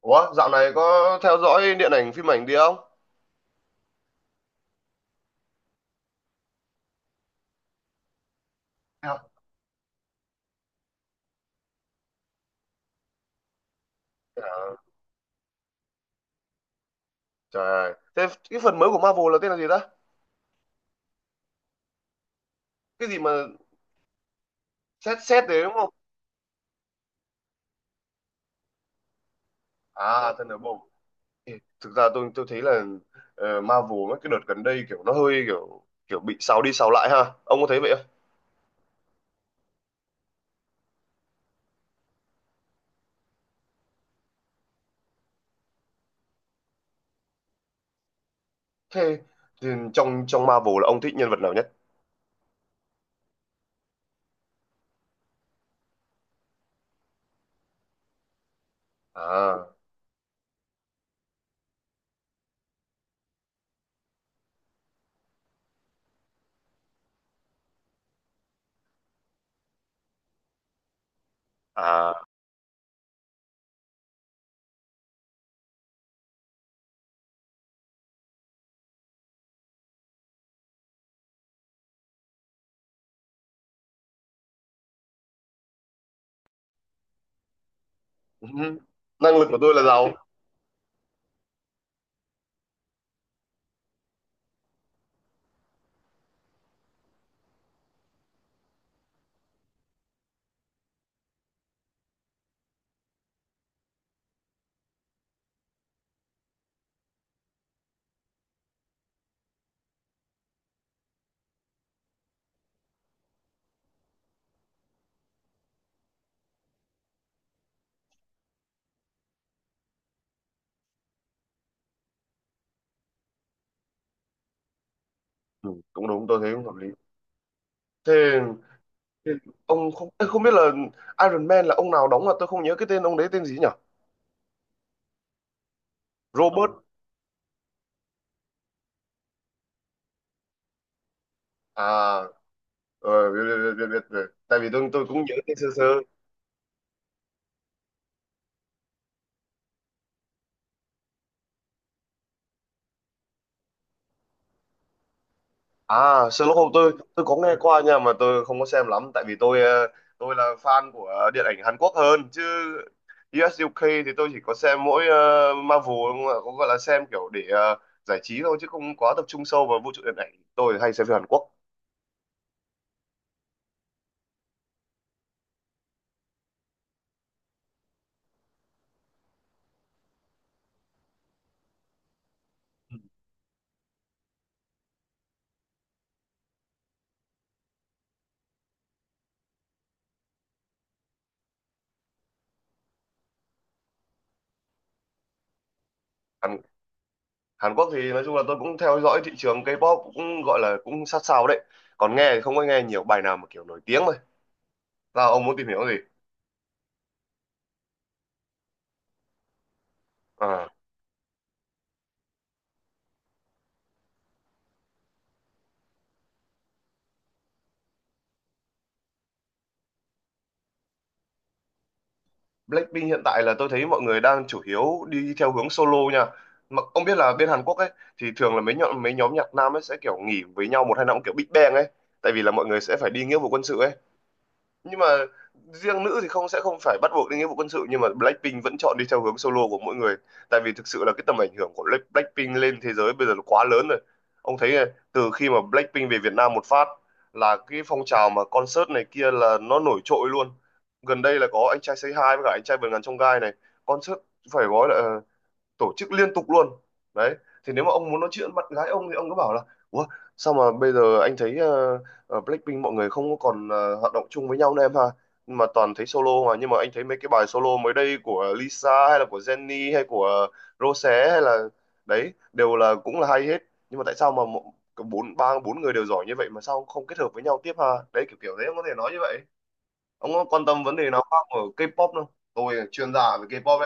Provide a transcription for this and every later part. Ủa, dạo này có theo dõi điện ảnh phim ảnh gì không? Hay học- À, trời ơi. Thế cái phần mới của Marvel là tên là gì ta? Cái gì mà xét xét đấy đúng không? À, Thunderbolt. Ê, thực ra tôi thấy là Marvel mấy cái đợt gần đây kiểu nó hơi kiểu kiểu bị sao đi sao lại ha. Ông có thấy vậy không? Thế thì trong trong Marvel là ông thích nhân vật nào nhất? À, à. Ừ. Năng lực của tôi là giàu. Ừ, cũng đúng, tôi thấy cũng hợp lý. Thế, thế ông không không biết là Iron Man là ông nào đóng mà tôi không nhớ cái tên ông đấy tên gì nhỉ? Robert. À, ờ, biết, biết, biết, biết, biết. Tại vì tôi cũng nhớ tên sơ sơ. À, Sherlock Holmes tôi có nghe qua, nhưng mà tôi không có xem lắm. Tại vì tôi là fan của điện ảnh Hàn Quốc hơn chứ. US UK thì tôi chỉ có xem mỗi Marvel, không ạ? Cũng gọi là xem kiểu để giải trí thôi chứ không quá tập trung sâu vào vũ trụ điện ảnh. Tôi hay xem phim Hàn Quốc. Hàn, Hàn Quốc thì nói chung là tôi cũng theo dõi thị trường K-pop, cũng gọi là cũng sát sao đấy. Còn nghe thì không có nghe nhiều, bài nào mà kiểu nổi tiếng thôi. Sao, ông muốn tìm hiểu gì? À. Blackpink hiện tại là tôi thấy mọi người đang chủ yếu đi theo hướng solo nha. Mà ông biết là bên Hàn Quốc ấy, thì thường là mấy nhóm nhạc nam ấy sẽ kiểu nghỉ với nhau một hai năm, kiểu Big Bang ấy, tại vì là mọi người sẽ phải đi nghĩa vụ quân sự ấy. Nhưng mà riêng nữ thì không, sẽ không phải bắt buộc đến nghĩa vụ quân sự, nhưng mà Blackpink vẫn chọn đi theo hướng solo của mỗi người. Tại vì thực sự là cái tầm ảnh hưởng của Blackpink lên thế giới bây giờ nó quá lớn rồi. Ông thấy này, từ khi mà Blackpink về Việt Nam một phát là cái phong trào mà concert này kia là nó nổi trội luôn. Gần đây là có anh trai Say Hi với cả anh trai vượt ngàn chông gai này, concert phải gọi là tổ chức liên tục luôn đấy. Thì nếu mà ông muốn nói chuyện bạn gái ông thì ông cứ bảo là: Ủa, sao mà bây giờ anh thấy Blackpink mọi người không có còn hoạt động chung với nhau nữa em ha? Mà toàn thấy solo. Mà nhưng mà anh thấy mấy cái bài solo mới đây của Lisa hay là của Jennie hay của Rosé hay là đấy đều là cũng là hay hết. Nhưng mà tại sao mà mộ- cả bốn ba bốn người đều giỏi như vậy mà sao không kết hợp với nhau tiếp ha? Đấy, kiểu kiểu đấy ông có thể nói như vậy. Ông có quan tâm vấn đề nào khác ở K-pop không? Tôi là chuyên gia về K-pop.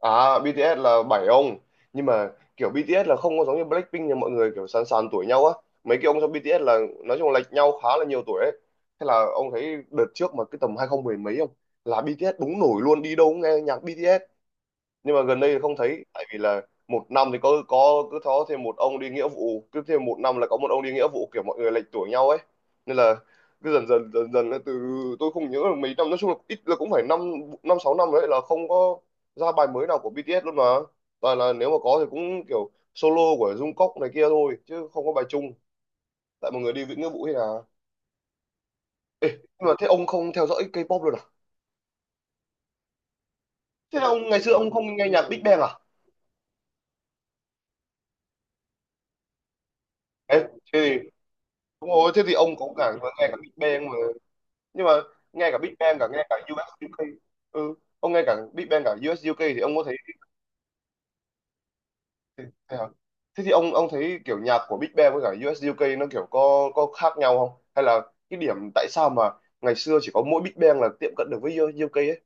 À, BTS là bảy ông. Nhưng mà kiểu BTS là không có giống như Blackpink là mọi người kiểu sàn sàn tuổi nhau á. Mấy cái ông trong BTS là nói chung là lệch nhau khá là nhiều tuổi ấy. Thế là ông thấy đợt trước mà cái tầm 2010 mấy không, là BTS đúng nổi luôn, đi đâu cũng nghe nhạc BTS. Nhưng mà gần đây thì không thấy, tại vì là một năm thì có cứ có thêm một ông đi nghĩa vụ, cứ thêm một năm là có một ông đi nghĩa vụ, kiểu mọi người lệch tuổi nhau ấy. Nên là cứ dần dần dần dần là từ, tôi không nhớ là mấy năm, nói chung là ít là cũng phải năm, năm sáu năm đấy là không có ra bài mới nào của BTS luôn. Mà toàn là nếu mà có thì cũng kiểu solo của Jungkook này kia thôi chứ không có bài chung. Tại mọi người đi với nghĩa vụ hay là. Nhưng mà thế ông không theo dõi K-pop luôn à? Thế là ông ngày xưa ông không nghe nhạc Big Bang à? Ê, thế thì đúng rồi, thế thì ông có cả nghe cả Big Bang mà. Nhưng mà nghe cả Big Bang cả nghe cả u US UK. Ừ, ông nghe cả Big Bang cả u ét u UK thì ông có thấy, thế hả? Thế thì ông thấy kiểu nhạc của Big Bang với cả u ét u UK nó kiểu có khác nhau không, hay là cái điểm tại sao mà ngày xưa chỉ có mỗi Big Bang là tiệm cận được với u ét u UK ấy?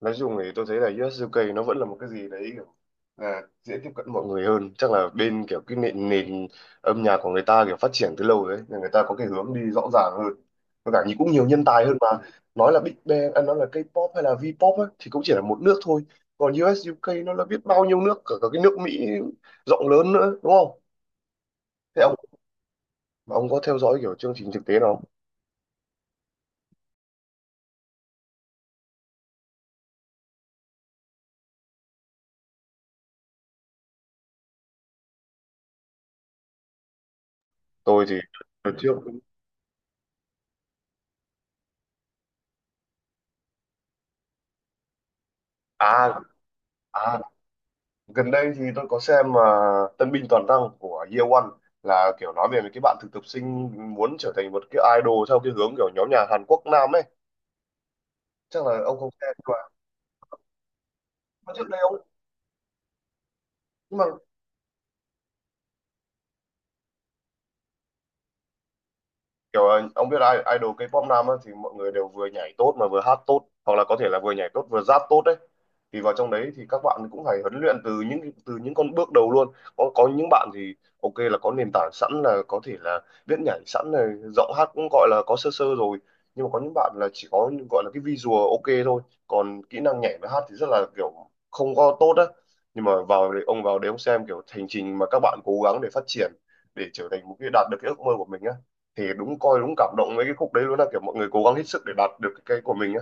Nói chung thì tôi thấy là US UK nó vẫn là một cái gì đấy kiểu là dễ tiếp cận mọi người hơn. Chắc là bên kiểu cái nền nền âm nhạc của người ta kiểu phát triển từ lâu đấy, nên người ta có cái hướng đi rõ ràng hơn và cả như cũng nhiều nhân tài hơn mà. Nói là Big Bang à, nói là K-pop hay là V-pop ấy, thì cũng chỉ là một nước thôi, còn US UK nó là biết bao nhiêu nước, cả, cả cái nước Mỹ rộng lớn nữa đúng không? Thế ông có theo dõi kiểu chương trình thực tế nào không? Tôi thì đợt trước, à à gần đây thì tôi có xem mà, Tân binh toàn năng của Year One, là kiểu nói về mấy cái bạn thực tập sinh muốn trở thành một cái idol theo cái hướng kiểu nhóm nhà Hàn Quốc Nam ấy. Chắc là ông không xem. Nhưng mà có trước đây ông, nhưng mà kiểu ông biết ai idol K-pop nam á, thì mọi người đều vừa nhảy tốt mà vừa hát tốt, hoặc là có thể là vừa nhảy tốt vừa rap tốt đấy. Thì vào trong đấy thì các bạn cũng phải huấn luyện từ những, từ những con bước đầu luôn. Có những bạn thì ok là có nền tảng sẵn, là có thể là biết nhảy sẵn này, giọng hát cũng gọi là có sơ sơ rồi. Nhưng mà có những bạn là chỉ có gọi là cái visual ok thôi, còn kỹ năng nhảy và hát thì rất là kiểu không có tốt á. Nhưng mà vào đấy ông, vào đấy ông xem kiểu hành trình mà các bạn cố gắng để phát triển, để trở thành một cái, đạt được cái ước mơ của mình á, thì đúng coi đúng cảm động với cái khúc đấy luôn, là kiểu mọi người cố gắng hết sức để đạt được cái của mình á.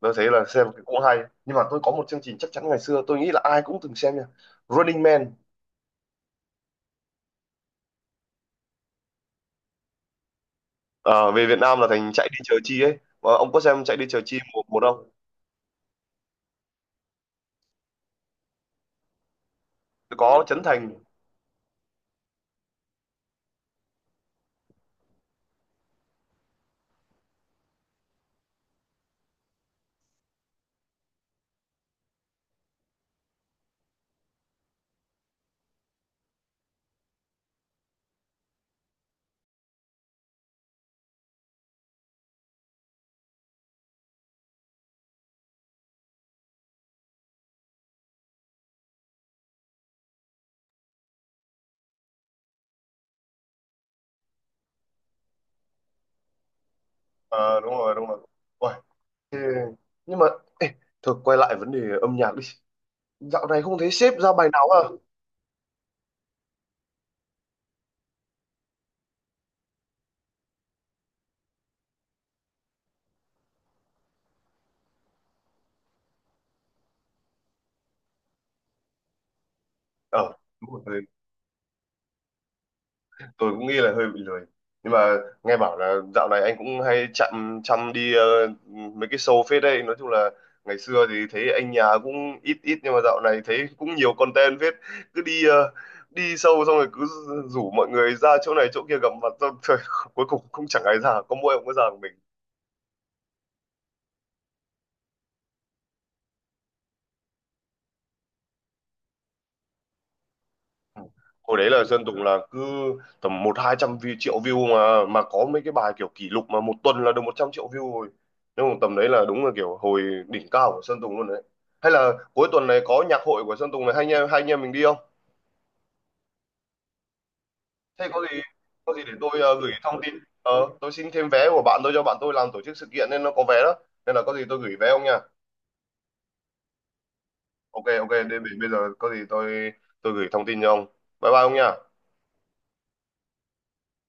Tôi thấy là xem thì cũng hay. Nhưng mà tôi có một chương trình chắc chắn ngày xưa tôi nghĩ là ai cũng từng xem nha: Running Man. Ờ, về Việt Nam là thành Chạy Đi Chờ Chi ấy. Ờ, ông có xem Chạy Đi Chờ Chi một một không? Có Trấn Thành. Ờ, đúng rồi đúng rồi. Uầy, thế- nhưng mà, ê, thôi quay lại vấn đề âm nhạc đi, dạo này không thấy sếp ra bài nào à? Ờ, đúng rồi, tôi cũng nghĩ là hơi bị lười. Nhưng mà nghe bảo là dạo này anh cũng hay chăm chăm đi mấy cái show phết đấy. Nói chung là ngày xưa thì thấy anh nhà cũng ít ít, nhưng mà dạo này thấy cũng nhiều content phết. Cứ đi show xong rồi cứ rủ mọi người ra chỗ này chỗ kia gặp mặt, xong rồi cuối cùng cũng chẳng ai ra, có mỗi ông có ra của mình. Hồi đấy là Sơn Tùng là cứ tầm một hai trăm view, triệu view, mà có mấy cái bài kiểu kỷ lục mà một tuần là được 100 triệu view rồi. Nhưng mà tầm đấy là đúng là kiểu hồi đỉnh cao của Sơn Tùng luôn đấy. Hay là cuối tuần này có nhạc hội của Sơn Tùng này, hai anh em mình đi không? Thế có gì, có gì để tôi gửi thông tin. Ờ, tôi xin thêm vé của bạn tôi, cho bạn tôi làm tổ chức sự kiện nên nó có vé đó, nên là có gì tôi gửi vé ông nha. Ok ok, để bây bây giờ có gì tôi gửi thông tin cho ông. Bye bye ông nha.